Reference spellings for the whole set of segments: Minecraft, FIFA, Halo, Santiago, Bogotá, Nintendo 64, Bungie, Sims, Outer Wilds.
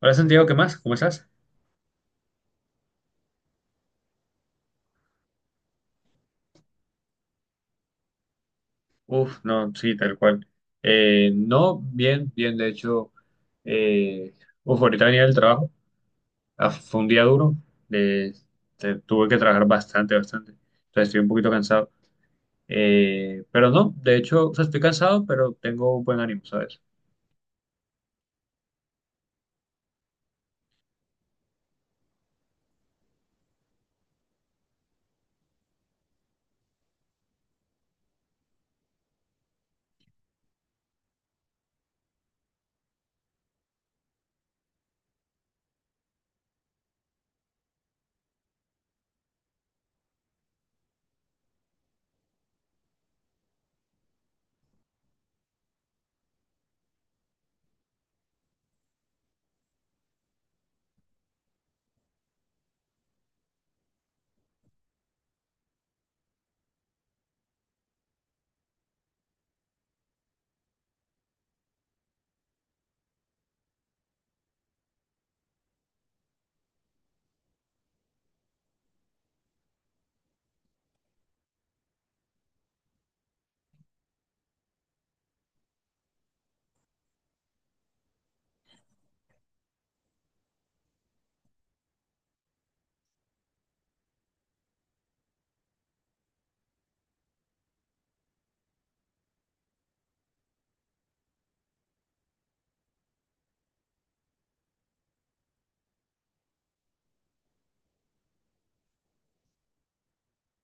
Hola Santiago, ¿qué más? ¿Cómo estás? Uf, no, sí, tal cual. No, bien, bien, de hecho, eh, ahorita venía del trabajo, ah, fue un día duro, eh, tuve que trabajar bastante, bastante, entonces estoy un poquito cansado. Pero no, de hecho, o sea, estoy cansado, pero tengo buen ánimo, ¿sabes?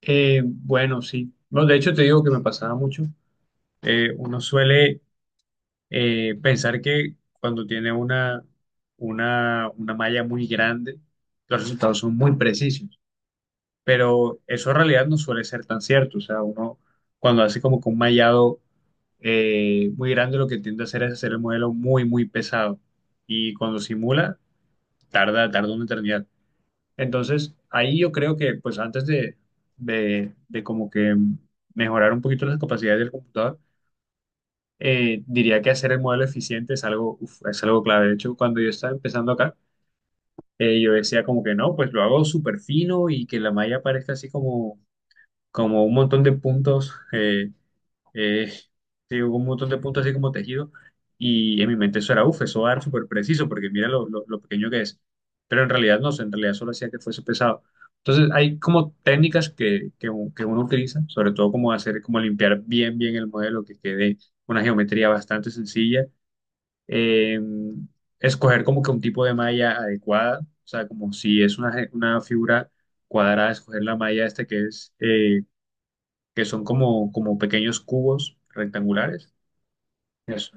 Bueno, sí, no, de hecho te digo que me pasaba mucho. Uno suele pensar que cuando tiene una malla muy grande, los resultados son muy precisos, pero eso en realidad no suele ser tan cierto. O sea, uno cuando hace como que un mallado muy grande, lo que tiende a hacer es hacer el modelo muy, muy pesado. Y cuando simula, tarda una eternidad. Entonces, ahí yo creo que, pues antes de como que mejorar un poquito las capacidades del computador, diría que hacer el modelo eficiente es algo, uf, es algo clave. De hecho, cuando yo estaba empezando acá, yo decía como que no, pues lo hago súper fino y que la malla parezca así como, como un montón de puntos, eh, sí, un montón de puntos así como tejido. Y en mi mente eso era, uff, eso va a dar súper preciso porque mira lo pequeño que es. Pero en realidad no, en realidad solo hacía que fuese pesado. Entonces hay como técnicas que uno utiliza, sobre todo como hacer, como limpiar bien, bien el modelo, que quede una geometría bastante sencilla, eh, escoger como que un tipo de malla adecuada, o sea, como si es una figura cuadrada, escoger la malla esta que es, que son como, como pequeños cubos rectangulares. Eso.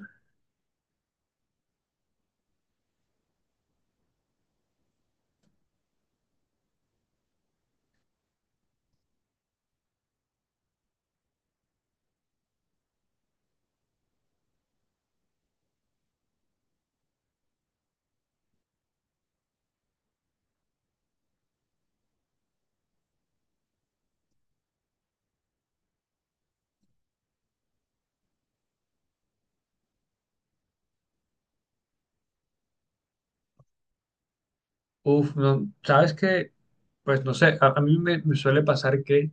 Uf, no, ¿sabes que Pues no sé, a mí me suele pasar que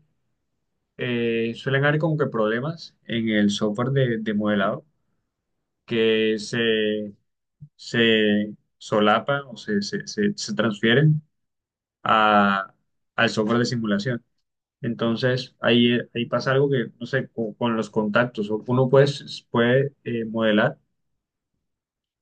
suelen haber como que problemas en el software de modelado que se, se solapan o se transfieren a, al software de simulación. Entonces, ahí pasa algo que, no sé, con los contactos, o uno pues, puede modelar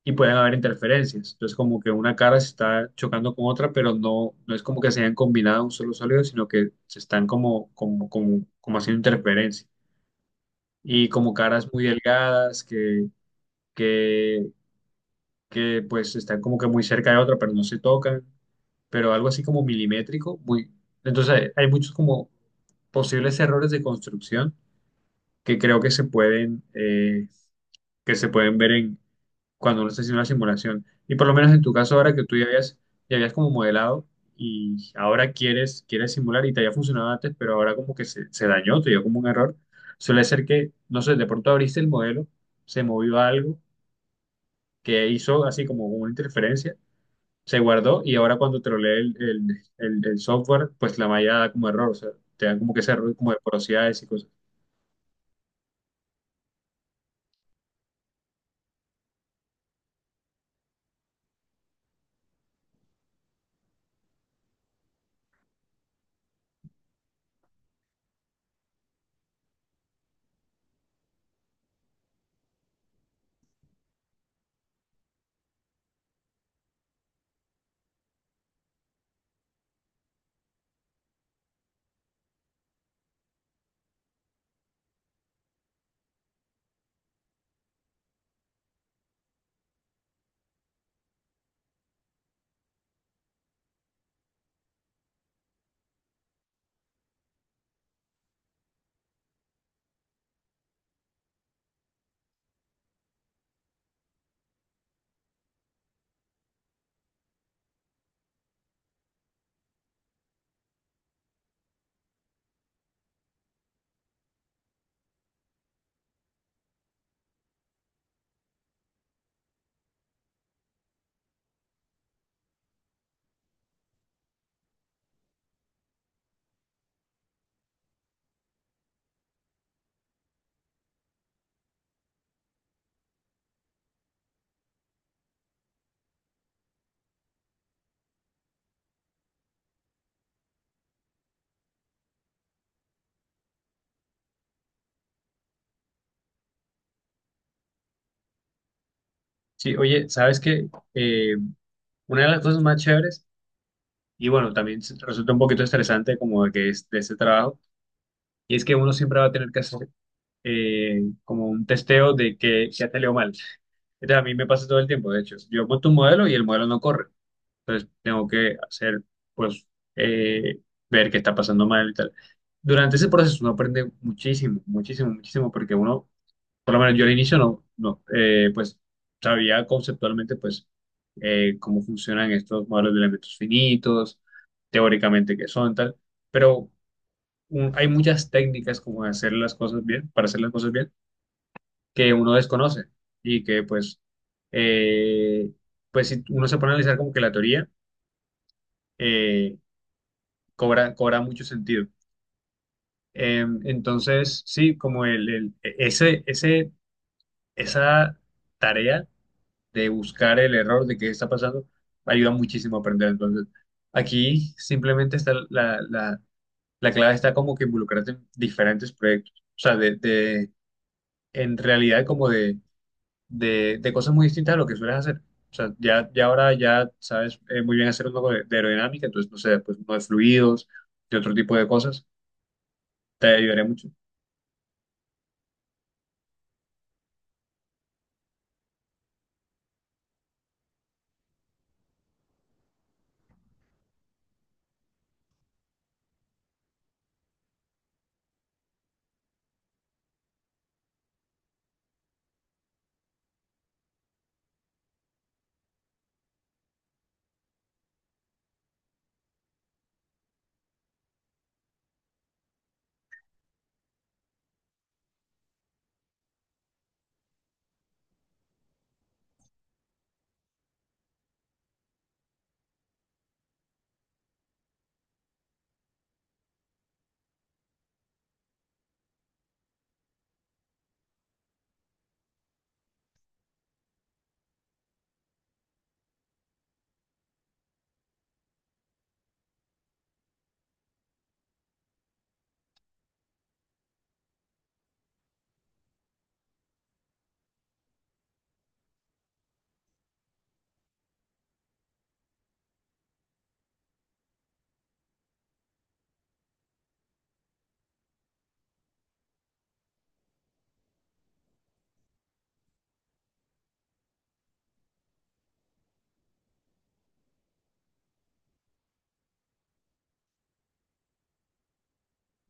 y pueden haber interferencias. Entonces, como que una cara se está chocando con otra, pero no, no es como que se hayan combinado un solo sólido, sino que se están como haciendo interferencia. Y como caras muy delgadas que, que pues están como que muy cerca de otra, pero no se tocan, pero algo así como milimétrico, muy... Entonces, hay muchos como posibles errores de construcción que creo que se pueden, que se pueden ver en, cuando uno está haciendo una simulación. Y por lo menos en tu caso, ahora que tú ya habías como modelado y ahora quieres simular y te había funcionado antes, pero ahora como que se dañó, te dio como un error, suele ser que, no sé, de pronto abriste el modelo, se movió algo que hizo así como una interferencia, se guardó y ahora cuando te lo lee el software, pues la malla da como error, o sea, te dan como que ese error como de porosidades y cosas. Sí, oye, ¿sabes qué? Eh, Una de las cosas más chéveres, y bueno, también resulta un poquito estresante como de que es de ese trabajo, y es que uno siempre va a tener que hacer como un testeo de que si ha salido mal. Entonces, a mí me pasa todo el tiempo, de hecho. Yo monto un modelo y el modelo no corre. Entonces, tengo que hacer, pues, eh, ver qué está pasando mal y tal. Durante ese proceso uno aprende muchísimo, muchísimo, muchísimo, porque uno, por lo menos yo al inicio no, no, pues sabía conceptualmente, pues, cómo funcionan estos modelos de elementos finitos, teóricamente qué son, tal, pero hay muchas técnicas como de hacer las cosas bien, para hacer las cosas bien, que uno desconoce y que, pues, eh, pues si uno se pone a analizar como que la teoría eh, cobra mucho sentido. Entonces, sí, como ese esa tarea de buscar el error de qué está pasando, ayuda muchísimo a aprender. Entonces, aquí simplemente está la clave está como que involucrarte en diferentes proyectos, o sea, en realidad como de cosas muy distintas a lo que sueles hacer. O sea, ya ahora ya sabes muy bien hacer un poco de aerodinámica, entonces, no sé, pues uno de fluidos, de otro tipo de cosas, te ayudaré mucho.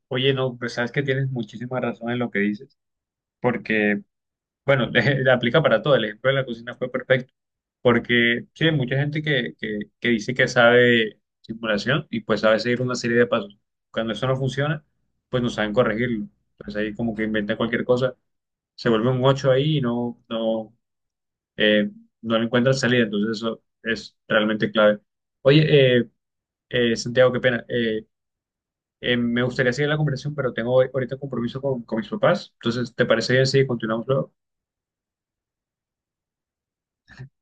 Oye, no, pues sabes que tienes muchísima razón en lo que dices, porque bueno, aplica para todo. El ejemplo de la cocina fue perfecto. Porque sí, hay mucha gente que dice que sabe simulación y pues sabe seguir una serie de pasos. Cuando eso no funciona, pues no saben corregirlo. Entonces ahí como que inventa cualquier cosa, se vuelve un 8 ahí y no, no, eh, no le encuentra salida. Entonces eso es realmente clave. Oye, Santiago, qué pena. Me gustaría seguir la conversación, pero tengo ahorita un compromiso con mis papás. Entonces, ¿te parece bien si continuamos luego?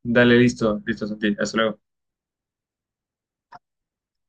Dale, listo, listo, Santi. Hasta luego.